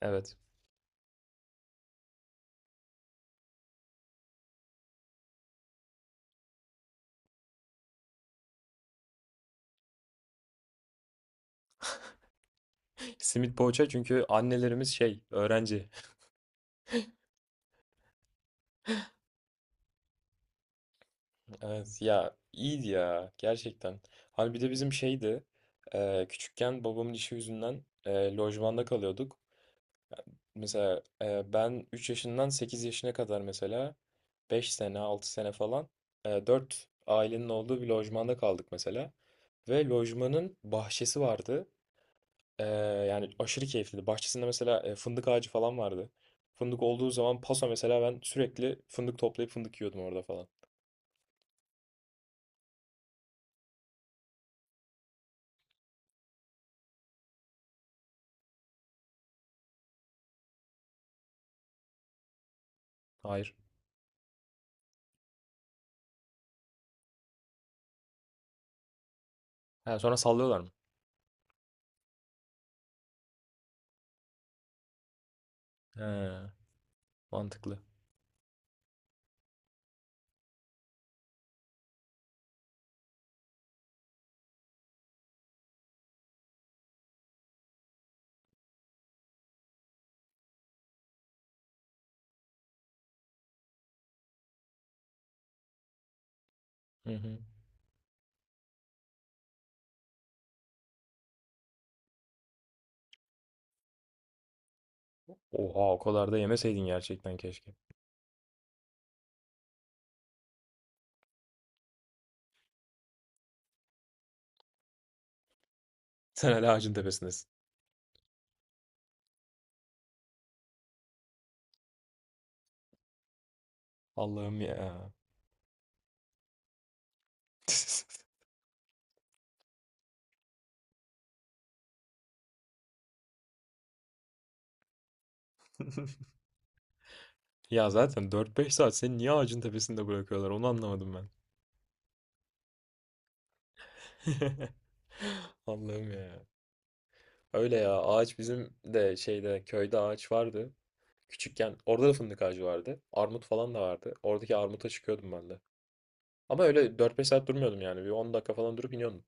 Evet. Simit poğaça çünkü annelerimiz şey öğrenci. Evet ya iyiydi ya gerçekten. Hani bir de bizim şeydi küçükken babamın işi yüzünden lojmanda kalıyorduk. Mesela ben 3 yaşından 8 yaşına kadar mesela 5 sene 6 sene falan 4 ailenin olduğu bir lojmanda kaldık mesela. Ve lojmanın bahçesi vardı. Ee, yani aşırı keyifliydi. Bahçesinde mesela fındık ağacı falan vardı. Fındık olduğu zaman paso mesela ben sürekli fındık toplayıp fındık yiyordum orada falan. Hayır. Ha, sonra sallıyorlar mı? He, mantıklı. Hı hı. Oha, o kadar da yemeseydin gerçekten keşke. Sen hala ağacın tepesindesin. Allah'ım ya. Ya zaten dört beş saat seni niye ağacın tepesinde bırakıyorlar onu anlamadım ben. Allah'ım ya. Öyle ya, ağaç bizim de şeyde köyde ağaç vardı. Küçükken orada da fındık ağacı vardı. Armut falan da vardı. Oradaki armuta çıkıyordum ben de. Ama öyle dört beş saat durmuyordum yani. Bir 10 dakika falan durup iniyordum.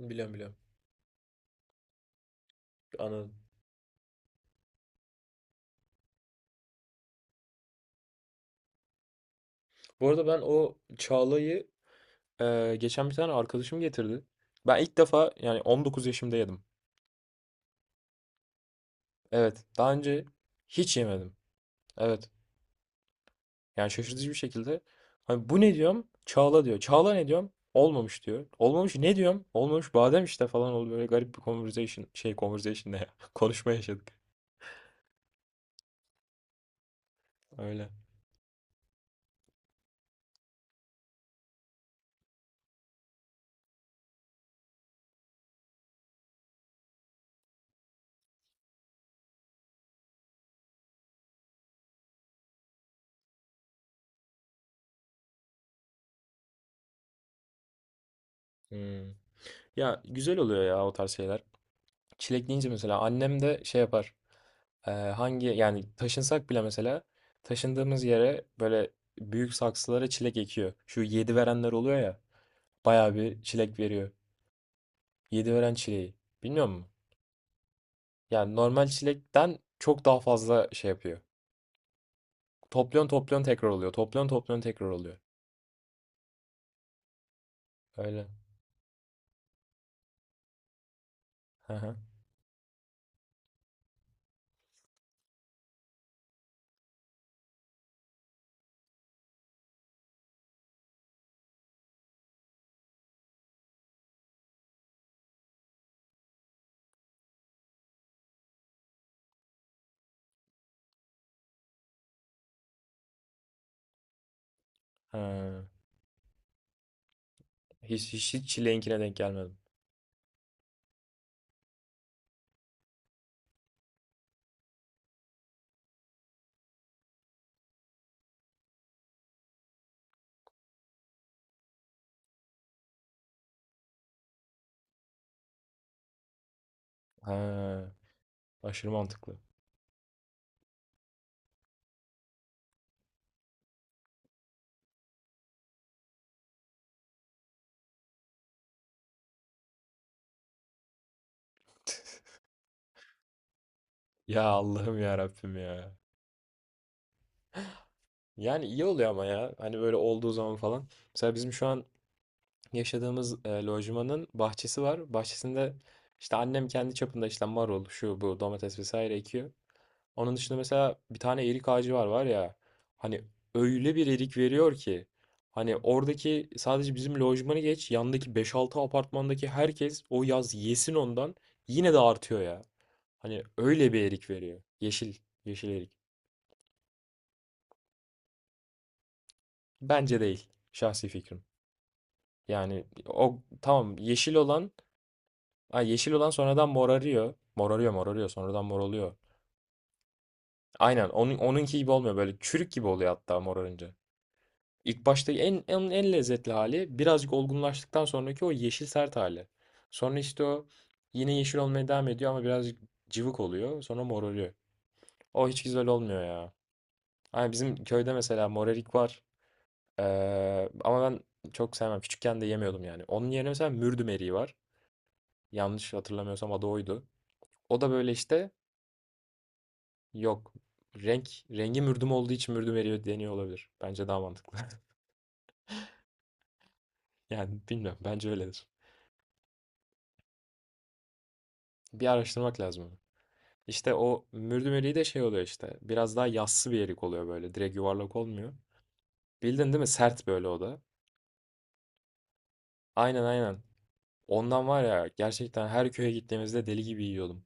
Biliyorum biliyorum. Anladım. Bu arada ben o Çağla'yı geçen bir tane arkadaşım getirdi. Ben ilk defa yani 19 yaşımda yedim. Evet. Daha önce hiç yemedim. Evet. Yani şaşırtıcı bir şekilde. Hani bu ne diyorum? Çağla diyor. Çağla ne diyorum? Olmamış diyor. Olmamış ne diyorum? Olmamış badem işte falan oldu. Böyle garip bir conversation, şey, conversation ne ya? Konuşma yaşadık. Öyle. Hmm. Ya güzel oluyor ya o tarz şeyler. Çilek deyince mesela annem de şey yapar. Hangi yani taşınsak bile mesela taşındığımız yere böyle büyük saksılara çilek ekiyor. Şu yedi verenler oluyor ya. Bayağı bir çilek veriyor. Yedi veren çileği. Bilmiyor musun? Yani normal çilekten çok daha fazla şey yapıyor. Topluyon topluyon tekrar oluyor. Topluyon topluyon tekrar oluyor. Öyle. Hı hı. Ha. Hiç çileğinkine denk gelmedim. Ha. Aşırı mantıklı. Ya Allah'ım ya Rabbim ya. Yani iyi oluyor ama ya. Hani böyle olduğu zaman falan. Mesela bizim şu an yaşadığımız lojmanın bahçesi var. Bahçesinde işte annem kendi çapında işte marul, şu bu domates vesaire ekiyor. Onun dışında mesela bir tane erik ağacı var ya. Hani öyle bir erik veriyor ki. Hani oradaki sadece bizim lojmanı geç, yandaki beş altı apartmandaki herkes o yaz yesin ondan yine de artıyor ya. Hani öyle bir erik veriyor. Yeşil, yeşil erik. Bence değil. Şahsi fikrim. Yani o tamam, yeşil olan, ay, yeşil olan sonradan morarıyor. Morarıyor morarıyor sonradan mor oluyor. Aynen onun, onunki gibi olmuyor, böyle çürük gibi oluyor hatta morarınca. İlk başta en lezzetli hali birazcık olgunlaştıktan sonraki o yeşil sert hali. Sonra işte o yine yeşil olmaya devam ediyor ama birazcık cıvık oluyor, sonra morarıyor. O hiç güzel olmuyor ya. Ay, bizim köyde mesela morerik var. Ama ben çok sevmem. Küçükken de yemiyordum yani. Onun yerine mesela mürdüm eriği var. Yanlış hatırlamıyorsam adı oydu. O da böyle işte, yok, renk rengi mürdüm olduğu için mürdüm eriyor deniyor olabilir. Bence daha mantıklı. Yani bilmiyorum, bence öyledir. Bir araştırmak lazım onu. İşte o mürdüm eriği de şey oluyor işte, biraz daha yassı bir erik oluyor, böyle direkt yuvarlak olmuyor. Bildin değil mi, sert böyle o da. Aynen aynen. Ondan var ya, gerçekten her köye gittiğimizde deli gibi yiyordum.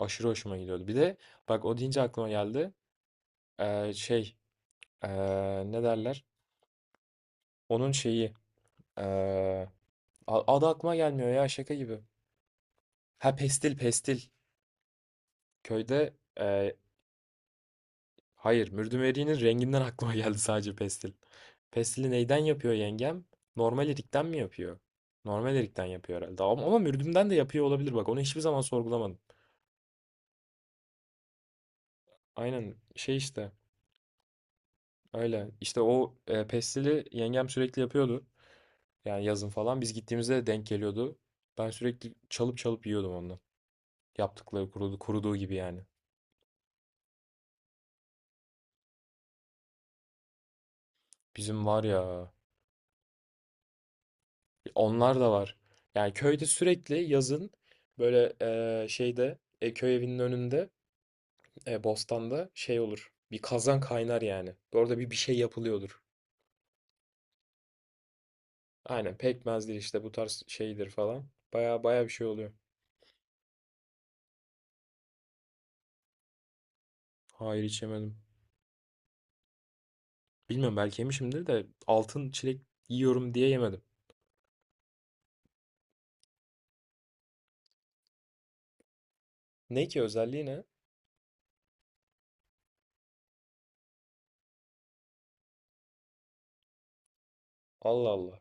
Aşırı hoşuma gidiyordu. Bir de bak, o deyince aklıma geldi. Şey, ne derler? Onun şeyi, ee, adı aklıma gelmiyor ya, şaka gibi. Ha, pestil pestil. Köyde, e, hayır, mürdümeriğinin renginden aklıma geldi sadece pestil. Pestili neyden yapıyor yengem? Normal erikten mi yapıyor? Normal erikten yapıyor herhalde. Ama mürdümden de yapıyor olabilir bak. Onu hiçbir zaman sorgulamadım. Aynen, şey işte öyle. İşte o pestili yengem sürekli yapıyordu. Yani yazın falan biz gittiğimizde de denk geliyordu. Ben sürekli çalıp çalıp yiyordum ondan. Yaptıkları kurudu, kuruduğu gibi yani. Bizim var ya. Onlar da var. Yani köyde sürekli yazın böyle şeyde, köy evinin önünde, bostanda şey olur. Bir kazan kaynar yani. Orada bir şey yapılıyordur. Aynen, pekmezdir işte, bu tarz şeydir falan. Baya baya bir şey oluyor. Hayır, hiç yemedim. Bilmiyorum, belki yemişimdir de altın çilek yiyorum diye yemedim. Ne ki, özelliği ne? Allah Allah.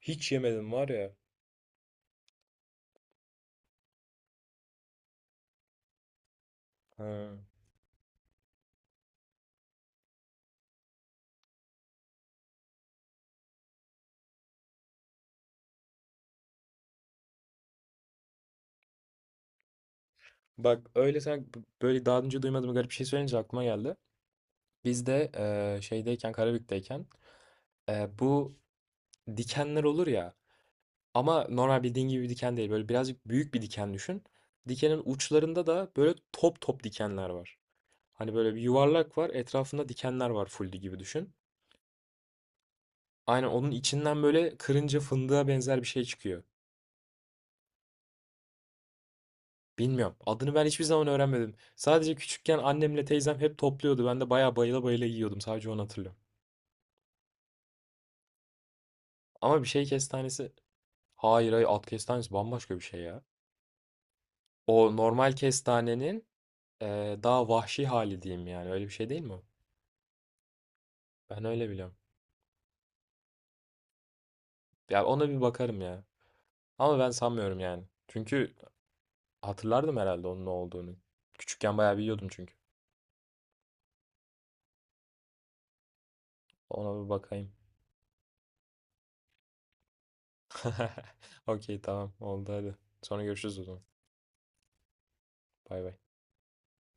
Hiç yemedim var ya. Ha. Bak, öyle sen böyle daha önce duymadığım garip bir şey söyleyince aklıma geldi. Biz de şeydeyken, Karabük'teyken, bu dikenler olur ya, ama normal bildiğin gibi bir diken değil. Böyle birazcık büyük bir diken düşün. Dikenin uçlarında da böyle top top dikenler var. Hani böyle bir yuvarlak var, etrafında dikenler var full gibi düşün. Aynen onun içinden böyle kırınca fındığa benzer bir şey çıkıyor. Bilmiyorum. Adını ben hiçbir zaman öğrenmedim. Sadece küçükken annemle teyzem hep topluyordu. Ben de bayağı bayıla bayıla yiyordum. Sadece onu hatırlıyorum. Ama bir şey kestanesi... Hayır, hayır, at kestanesi bambaşka bir şey ya. O normal kestanenin daha vahşi hali diyeyim yani. Öyle bir şey değil mi? Ben öyle biliyorum. Ya, ona bir bakarım ya. Ama ben sanmıyorum yani. Çünkü hatırlardım herhalde onun ne olduğunu. Küçükken bayağı biliyordum çünkü. Ona bir bakayım. Okey, tamam, oldu hadi. Sonra görüşürüz o zaman. Bay bay.